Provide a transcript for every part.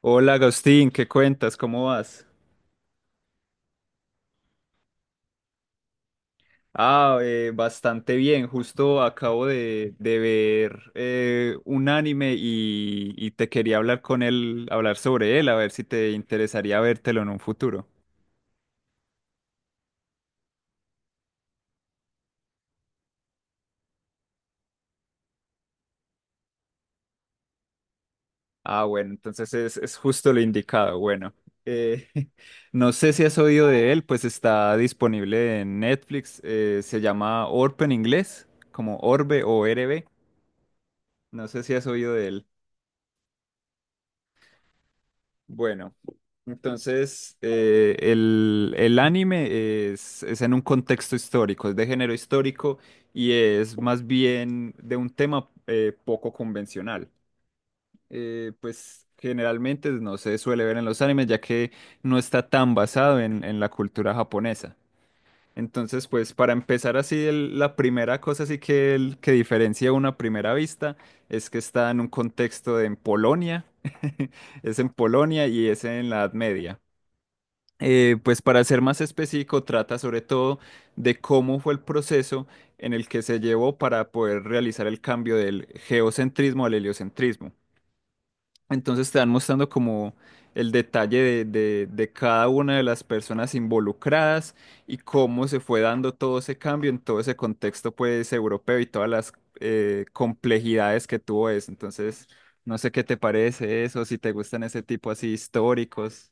Hola Agustín, ¿qué cuentas? ¿Cómo vas? Bastante bien. Justo acabo de ver un anime, y te quería hablar con él, hablar sobre él, a ver si te interesaría vértelo en un futuro. Ah, bueno, entonces es justo lo indicado. Bueno, eh, no sé si has oído de él, pues está disponible en Netflix. Se llama Orb en inglés, como Orbe o RB. No sé si has oído de él. Bueno, entonces el anime es en un contexto histórico, es de género histórico y es más bien de un tema poco convencional. Pues generalmente no se suele ver en los animes, ya que no está tan basado en la cultura japonesa. Entonces, pues para empezar así, la primera cosa así que, que diferencia una primera vista es que está en un contexto de en Polonia, es en Polonia y es en la Edad Media. Pues para ser más específico, trata sobre todo de cómo fue el proceso en el que se llevó para poder realizar el cambio del geocentrismo al heliocentrismo. Entonces te van mostrando como el detalle de cada una de las personas involucradas y cómo se fue dando todo ese cambio en todo ese contexto pues europeo y todas las complejidades que tuvo eso. Entonces, no sé qué te parece eso, si te gustan ese tipo así históricos.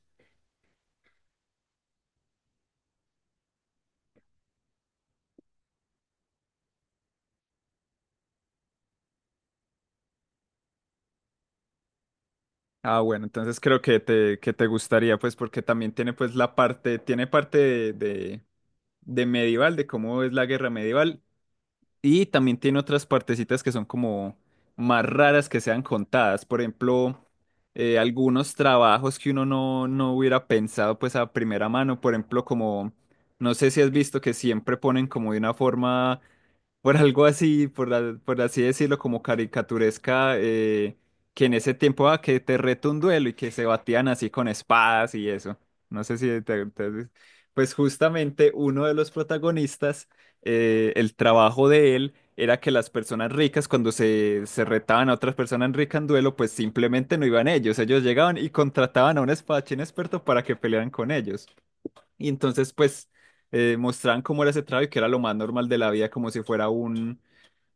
Ah, bueno, entonces creo que que te gustaría pues porque también tiene pues la parte, tiene parte de medieval, de cómo es la guerra medieval. Y también tiene otras partecitas que son como más raras que sean contadas. Por ejemplo, algunos trabajos que uno no hubiera pensado pues a primera mano. Por ejemplo, como, no sé si has visto que siempre ponen como de una forma, por algo así, por, por así decirlo, como caricaturesca, que en ese tiempo, ah, que te reto un duelo y que se batían así con espadas y eso. No sé si te- Pues justamente uno de los protagonistas el trabajo de él era que las personas ricas, cuando se retaban a otras personas ricas en duelo, pues simplemente no iban ellos. Ellos llegaban y contrataban a un espadachín experto para que pelearan con ellos. Y entonces, pues, mostraban cómo era ese trabajo y que era lo más normal de la vida, como si fuera un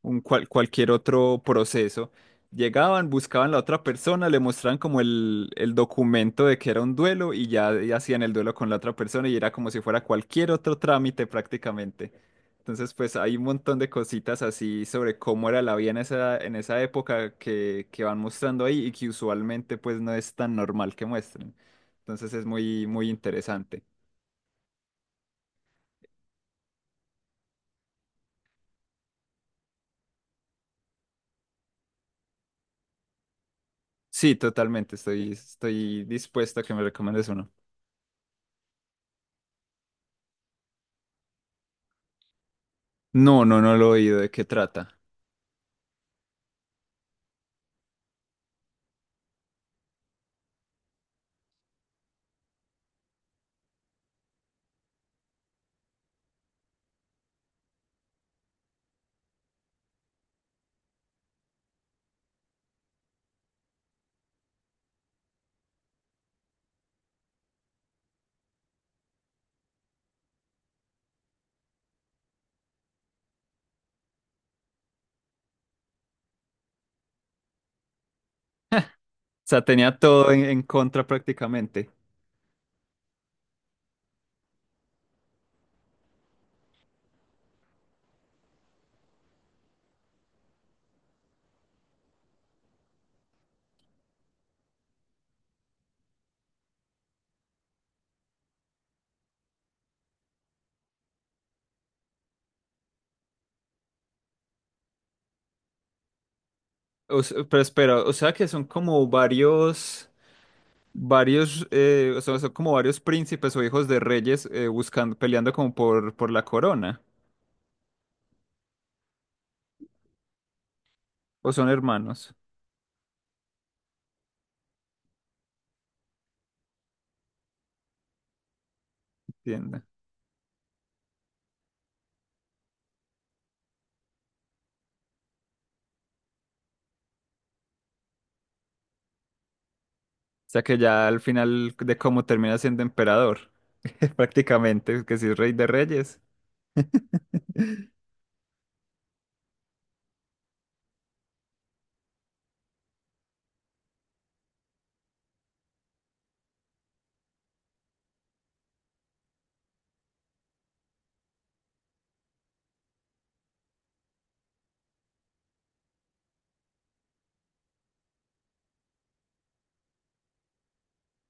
cualquier otro proceso. Llegaban, buscaban a la otra persona, le mostraban como el documento de que era un duelo, y ya, y hacían el duelo con la otra persona y era como si fuera cualquier otro trámite prácticamente. Entonces, pues hay un montón de cositas así sobre cómo era la vida en en esa época que van mostrando ahí y que usualmente pues no es tan normal que muestren. Entonces es muy, muy interesante. Sí, totalmente, estoy dispuesto a que me recomiendes uno. No, no, no lo he oído, ¿de qué trata? O sea, tenía todo en contra prácticamente. Pero espera, o sea que son como varios, varios, o sea, son como varios príncipes o hijos de reyes buscando, peleando como por la corona. O son hermanos, entiende. O sea que ya al final de cómo termina siendo emperador, prácticamente, que si es rey de reyes.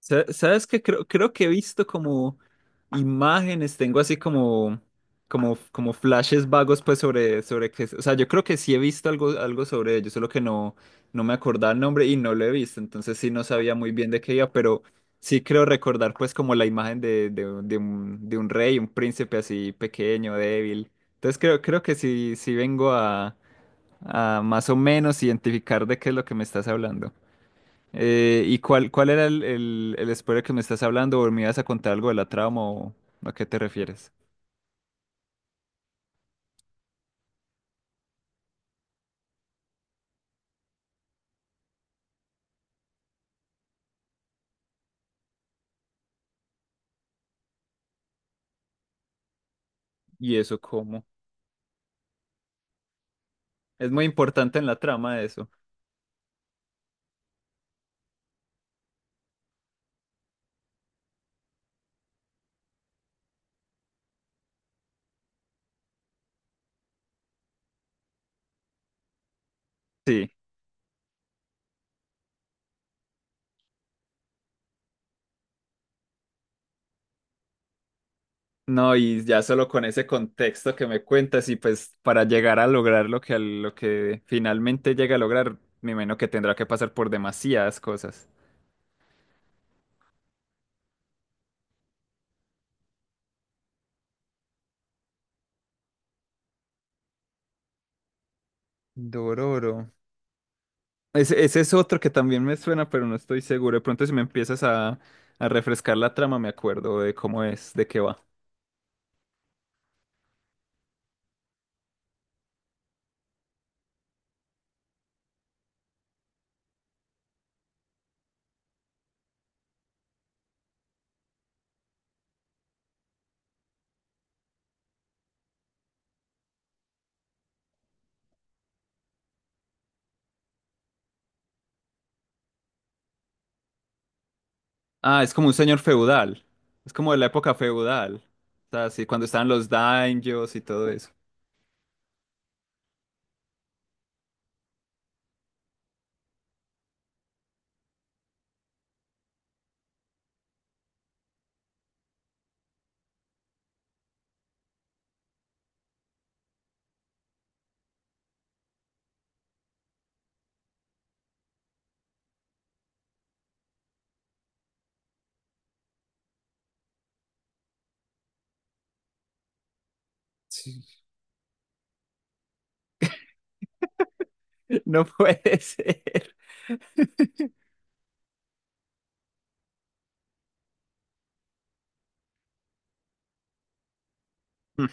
¿Sabes qué? Creo que he visto como imágenes, tengo así como flashes vagos pues sobre que, o sea, yo creo que sí he visto algo, algo sobre ello, solo que no, no me acordaba el nombre y no lo he visto, entonces sí no sabía muy bien de qué iba, pero sí creo recordar pues como la imagen de un rey, un príncipe así pequeño, débil. Entonces creo que sí, sí vengo a más o menos identificar de qué es lo que me estás hablando. ¿Y cuál era el spoiler que me estás hablando? ¿O me ibas a contar algo de la trama o a qué te refieres? ¿Y eso cómo? Es muy importante en la trama eso. Sí, no, y ya solo con ese contexto que me cuentas y pues para llegar a lograr lo que, lo que finalmente llega a lograr, me imagino que tendrá que pasar por demasiadas cosas. Dororo. Ese es otro que también me suena, pero no estoy seguro. De pronto si me empiezas a refrescar la trama, me acuerdo de cómo es, de qué va. Ah, es como un señor feudal. Es como de la época feudal. O sea, sí, cuando estaban los daños y todo eso. Sí. No puede ser. Mm.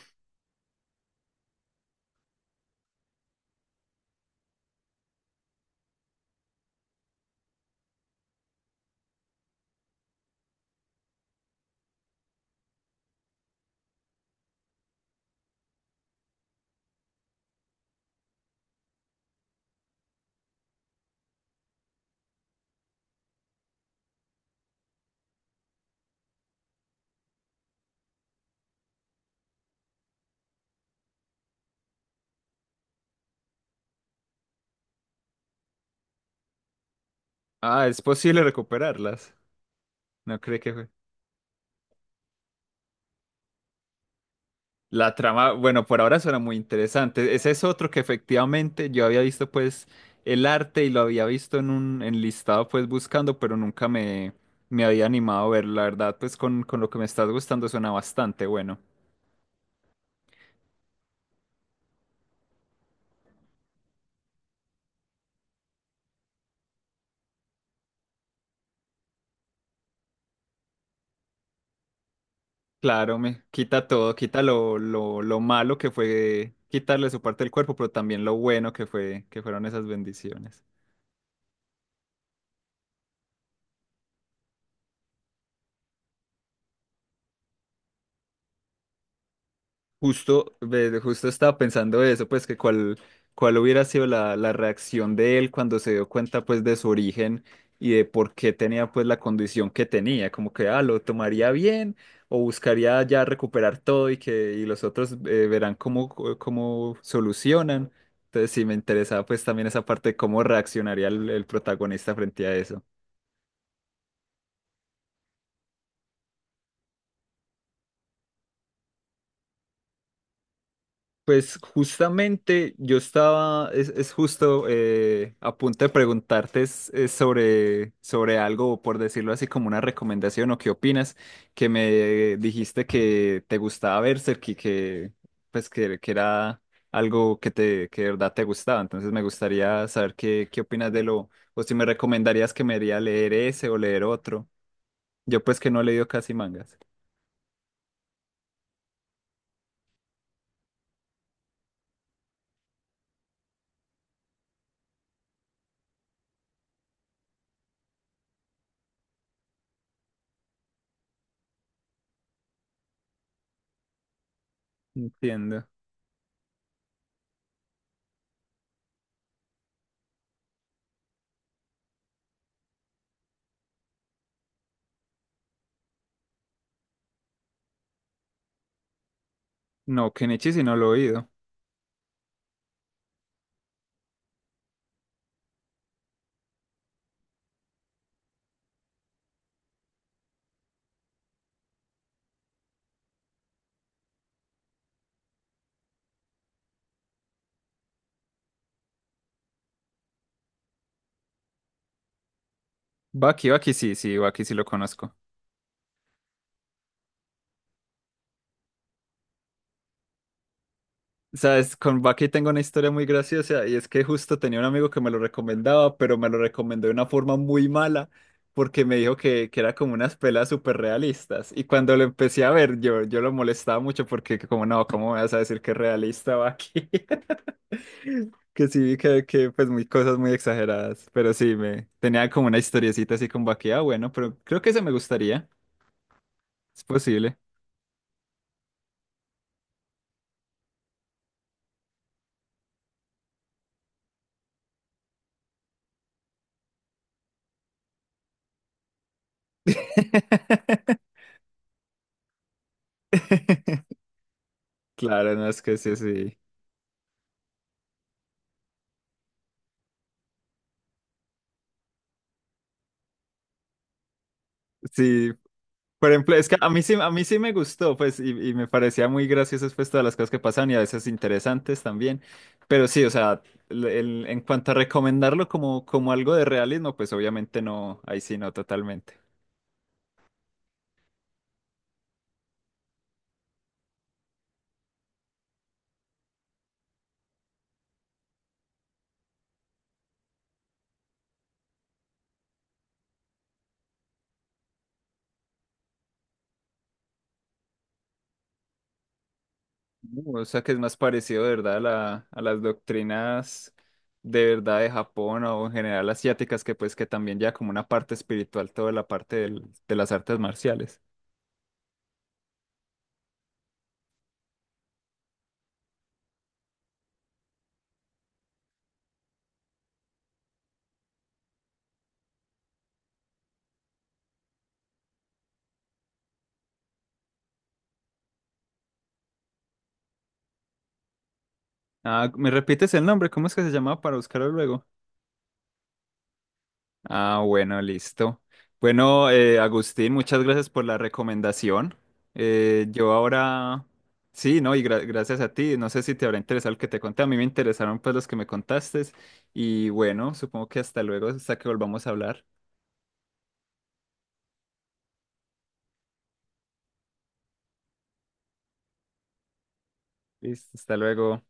Ah, es posible recuperarlas. No cree que fue. La trama, bueno, por ahora suena muy interesante. Ese es otro que efectivamente yo había visto, pues, el arte y lo había visto en un enlistado, pues, buscando, pero nunca me, me había animado a ver. La verdad, pues, con lo que me estás gustando suena bastante bueno. Claro, me quita todo, quita lo malo que fue quitarle su parte del cuerpo, pero también lo bueno que fue, que fueron esas bendiciones. Justo, ve, justo estaba pensando eso, pues que cuál, cuál hubiera sido la, la reacción de él cuando se dio cuenta pues de su origen y de por qué tenía pues la condición que tenía, como que ah, lo tomaría bien o buscaría ya recuperar todo y que y los otros verán cómo, cómo solucionan. Entonces sí me interesaba pues también esa parte de cómo reaccionaría el protagonista frente a eso. Pues justamente yo estaba, es justo a punto de preguntarte es sobre, sobre algo, por decirlo así, como una recomendación o qué opinas, que me dijiste que te gustaba Berserk y que pues que era algo que te que de verdad te gustaba. Entonces me gustaría saber qué, qué opinas de lo, o si me recomendarías que me iría a leer ese o leer otro. Yo pues que no he leído casi mangas. Entiendo. No, Kenichi sí no lo he oído. Baki, Baki sí, sí, Baki sí lo conozco. Sabes, con Baki tengo una historia muy graciosa y es que justo tenía un amigo que me lo recomendaba, pero me lo recomendó de una forma muy mala porque me dijo que era como unas pelas súper realistas. Y cuando lo empecé a ver, yo lo molestaba mucho porque que como no, ¿cómo me vas a decir que es realista Baki? Que sí vi que pues muy cosas muy exageradas, pero sí, me tenía como una historiecita así con Baki, ah, bueno, pero creo que ese me gustaría, es posible. Claro, no es que sí, sí. Sí, por ejemplo, es que a mí sí me gustó, pues, y me parecía muy graciosas, pues, todas las cosas que pasaban y a veces interesantes también. Pero sí, o sea, en cuanto a recomendarlo como, como algo de realismo, pues, obviamente no, ahí sí no, totalmente. O sea, que es más parecido, de verdad, a a las doctrinas de verdad de Japón o en general asiáticas, que pues, que también ya como una parte espiritual, toda la parte de las artes marciales. Ah, ¿me repites el nombre? ¿Cómo es que se llamaba para buscarlo luego? Ah, bueno, listo. Bueno, Agustín, muchas gracias por la recomendación. Yo ahora, sí, ¿no? Y gracias a ti. No sé si te habrá interesado el que te conté. A mí me interesaron pues los que me contaste. Y bueno, supongo que hasta luego, hasta que volvamos a hablar. Listo, hasta luego.